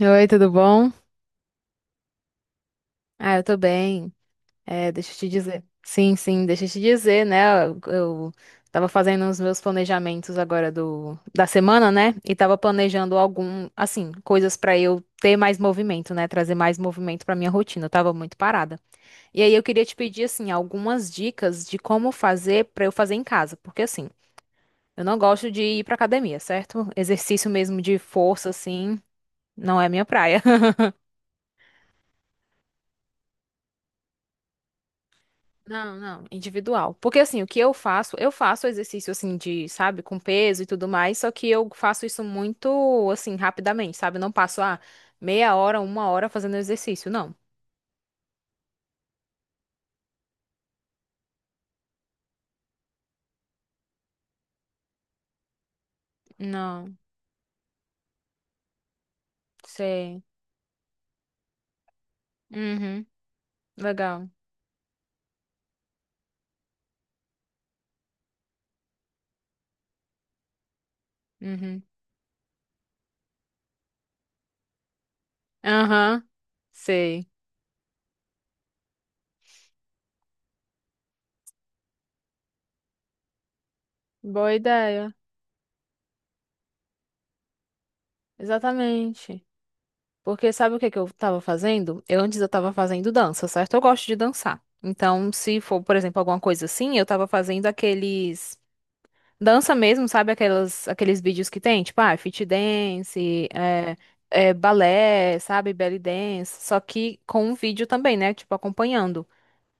Oi, tudo bom? Ah, eu tô bem. É, deixa eu te dizer. Sim, sim, deixa eu te dizer, né? Eu tava fazendo os meus planejamentos agora da semana, né? E tava planejando algum, assim, coisas pra eu ter mais movimento, né? Trazer mais movimento pra minha rotina. Eu tava muito parada. E aí eu queria te pedir, assim, algumas dicas de como fazer pra eu fazer em casa, porque assim, eu não gosto de ir pra academia, certo? Exercício mesmo de força, assim, não é minha praia. Não, não, individual. Porque assim, o que eu faço exercício assim de, sabe, com peso e tudo mais, só que eu faço isso muito assim, rapidamente, sabe? Eu não passo meia hora, uma hora fazendo exercício, não. Não, sei. Uhum, legal. Uhum. Aham, sei. Boa ideia. Exatamente. Porque sabe o que que eu tava fazendo? Eu antes eu tava fazendo dança, certo? Eu gosto de dançar. Então, se for, por exemplo, alguma coisa assim, eu tava fazendo aqueles. Dança mesmo, sabe? Aquelas, aqueles vídeos que tem, tipo, ah, fit dance, balé, sabe? Belly dance, só que com um vídeo também, né? Tipo, acompanhando.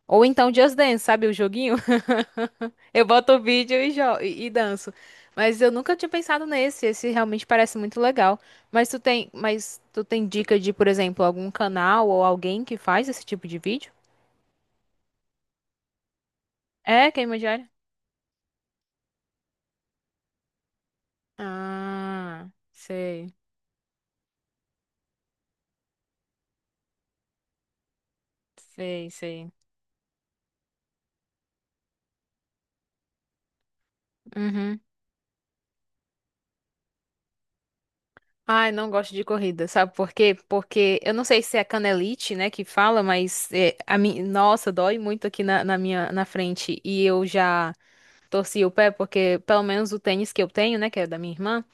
Ou então Just Dance, sabe? O joguinho. Eu boto o vídeo e e danço. Mas eu nunca tinha pensado nesse, esse realmente parece muito legal. Mas tu tem dica de, por exemplo, algum canal ou alguém que faz esse tipo de vídeo? É, queima diária? Ah, sei, sei, sei. Uhum. Ai, não gosto de corrida, sabe por quê? Porque eu não sei se é canelite, né, que fala, mas é, a mim, nossa, dói muito aqui na minha na frente e eu já torci o pé porque pelo menos o tênis que eu tenho, né, que é da minha irmã,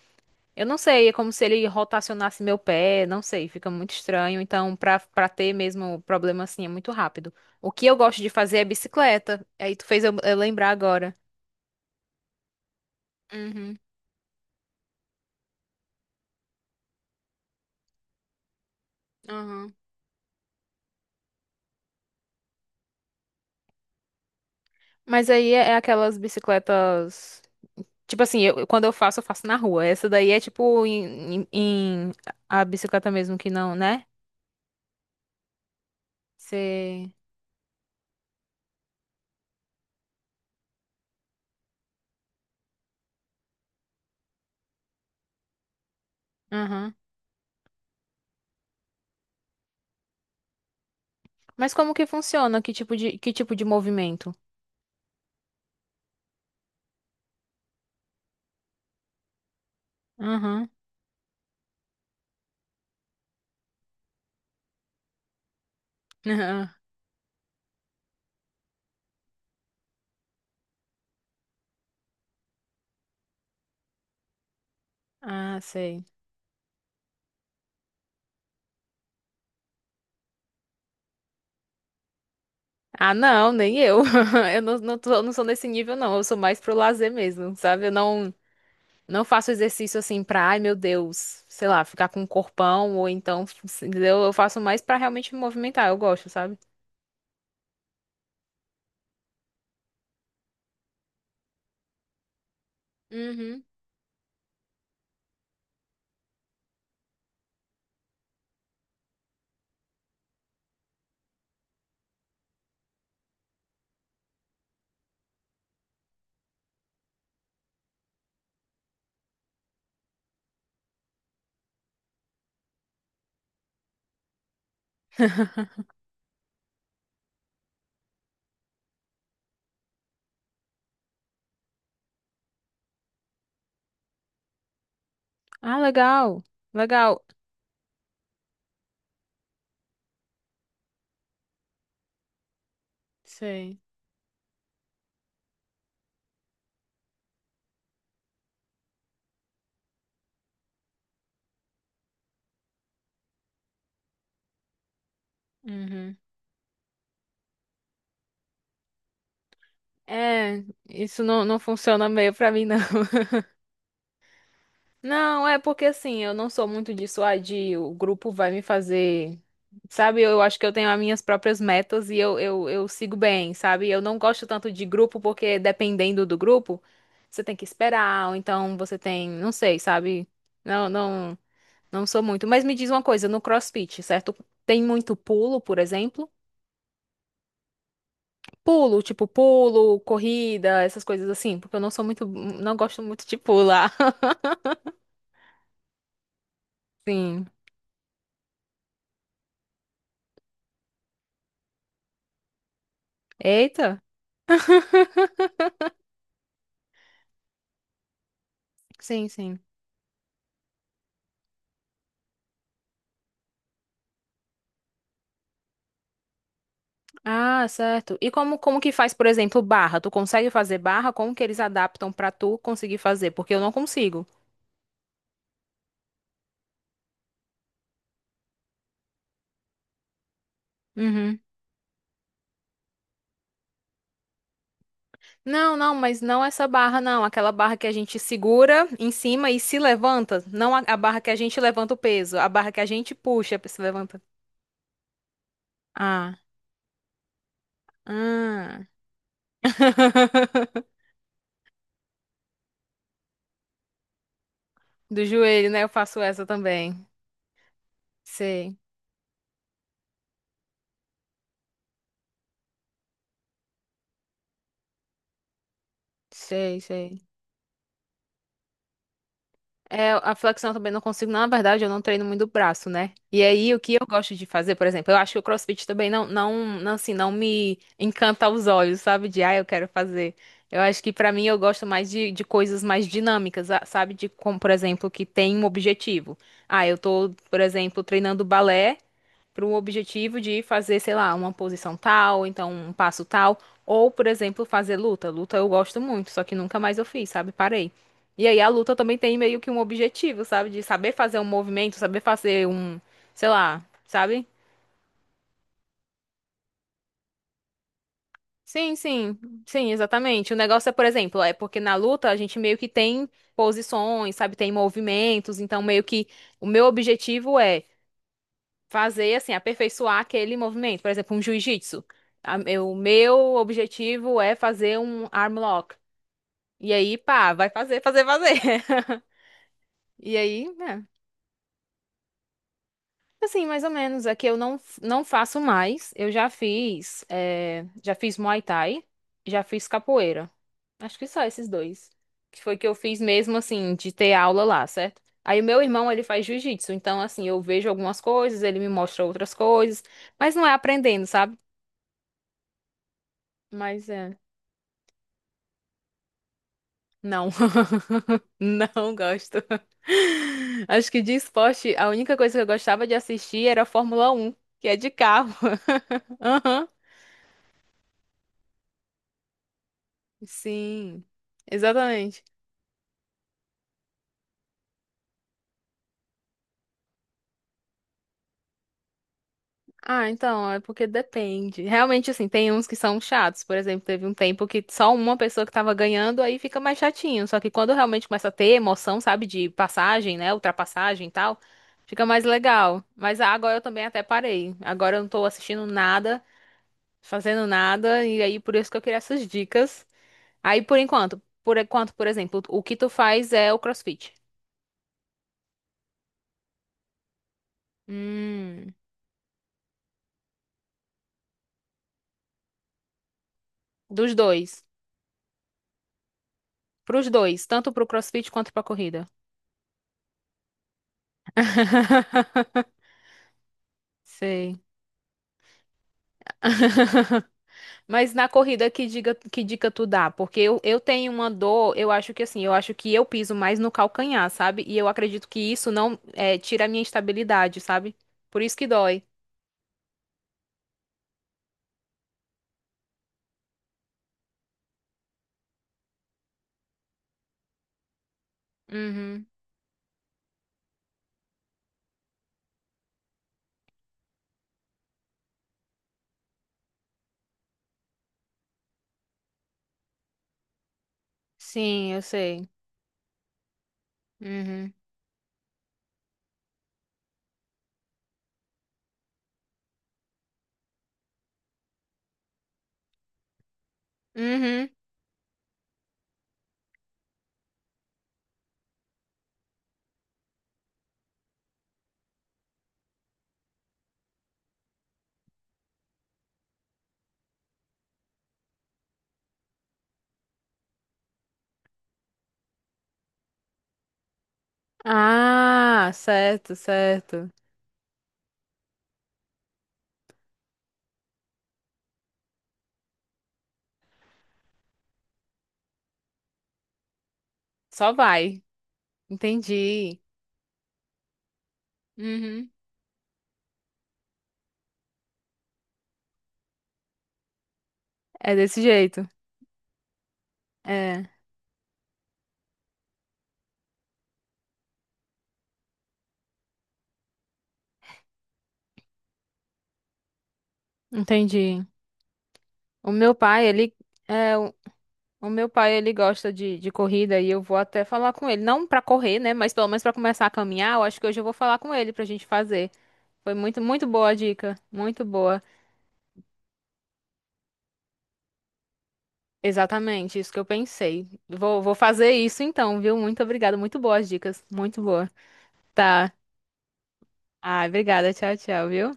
eu não sei, é como se ele rotacionasse meu pé, não sei, fica muito estranho. Então, pra para ter mesmo problema assim é muito rápido. O que eu gosto de fazer é bicicleta. Aí tu fez eu lembrar agora. Uhum, aham. Mas aí é aquelas bicicletas. Tipo assim, eu, quando eu faço na rua. Essa daí é tipo em a bicicleta mesmo que não, né? Você. Aham. Mas como que funciona? Que tipo de movimento? Aham. Aham. Ah, sei. Ah, não, nem eu. Eu não, não, não sou nesse nível, não. Eu sou mais pro lazer mesmo, sabe? Eu não, não faço exercício assim pra, ai meu Deus, sei lá, ficar com um corpão ou então, entendeu? Eu faço mais pra realmente me movimentar. Eu gosto, sabe? Uhum. Ah, legal. Legal. Sei. Uhum. É, isso não, não funciona meio pra mim, não. Não, é porque assim, eu não sou muito disso, ah, de o grupo vai me fazer. Sabe, eu acho que eu tenho as minhas próprias metas e eu sigo bem, sabe? Eu não gosto tanto de grupo porque dependendo do grupo, você tem que esperar, ou então você tem, não sei, sabe? Não, não, não sou muito. Mas me diz uma coisa, no CrossFit, certo? Tem muito pulo, por exemplo? Pulo, tipo pulo, corrida, essas coisas assim, porque eu não sou muito, não gosto muito de pular. Sim. Eita. Sim, sim. Ah, certo. E como que faz, por exemplo, barra? Tu consegue fazer barra? Como que eles adaptam pra tu conseguir fazer? Porque eu não consigo. Uhum. Não, não, mas não essa barra, não. Aquela barra que a gente segura em cima e se levanta. Não a barra que a gente levanta o peso, a barra que a gente puxa pra se levanta. Ah. Ah. Do joelho, né? Eu faço essa também. Sei, sei, sei. É, a flexão eu também não consigo, na verdade, eu não treino muito o braço, né? E aí, o que eu gosto de fazer, por exemplo, eu acho que o CrossFit também não, assim, não me encanta aos olhos, sabe? De, ah, eu quero fazer. Eu acho que pra mim eu gosto mais de coisas mais dinâmicas, sabe? De como, por exemplo, que tem um objetivo. Ah, eu tô, por exemplo, treinando balé, para o objetivo de fazer, sei lá, uma posição tal, então um passo tal, ou, por exemplo, fazer luta. Luta eu gosto muito, só que nunca mais eu fiz, sabe? Parei. E aí a luta também tem meio que um objetivo, sabe? De saber fazer um movimento, saber fazer um, sei lá, sabe? Sim, sim, sim, exatamente. O negócio é, por exemplo, é porque na luta a gente meio que tem posições, sabe? Tem movimentos, então meio que o meu objetivo é fazer, assim, aperfeiçoar aquele movimento. Por exemplo, um jiu-jitsu. O meu objetivo é fazer um arm lock. E aí, pá, vai fazer, fazer, fazer. E aí, né? Assim, mais ou menos. Aqui eu não, não faço mais. Eu já fiz, já fiz Muay Thai, já fiz capoeira. Acho que só esses dois. Que foi que eu fiz mesmo, assim, de ter aula lá, certo? Aí o meu irmão, ele faz jiu-jitsu. Então, assim, eu vejo algumas coisas, ele me mostra outras coisas. Mas não é aprendendo, sabe? Mas é. Não. Não gosto. Acho que de esporte, a única coisa que eu gostava de assistir era a Fórmula 1, que é de carro. Aham. Sim. Exatamente. Ah, então, é porque depende. Realmente, assim, tem uns que são chatos. Por exemplo, teve um tempo que só uma pessoa que tava ganhando, aí fica mais chatinho. Só que quando realmente começa a ter emoção, sabe, de passagem, né, ultrapassagem e tal, fica mais legal. Mas ah, agora eu também até parei. Agora eu não tô assistindo nada, fazendo nada, e aí por isso que eu queria essas dicas. Aí por enquanto, por enquanto, por exemplo, o que tu faz é o CrossFit. Hum, dos dois. Pros dois, tanto pro CrossFit quanto pra corrida. Sei. Mas na corrida, que dica tu dá? Porque eu tenho uma dor, eu acho que assim, eu acho que eu piso mais no calcanhar, sabe? E eu acredito que isso não é, tira a minha estabilidade, sabe? Por isso que dói. Uhum. Sim, eu sei. Uhum. Uhum. Ah, certo, certo. Só vai. Entendi. Uhum. É desse jeito. É, entendi. O meu pai, é o, o meu pai, ele gosta de corrida e eu vou até falar com ele, não pra correr, né, mas pelo menos pra começar a caminhar, eu acho que hoje eu vou falar com ele pra gente fazer. Foi muito, muito boa a dica, muito boa. Exatamente, isso que eu pensei. Vou, vou fazer isso então, viu? Muito obrigada, muito boas dicas, muito boa. Tá. Ai, obrigada, tchau, tchau, viu?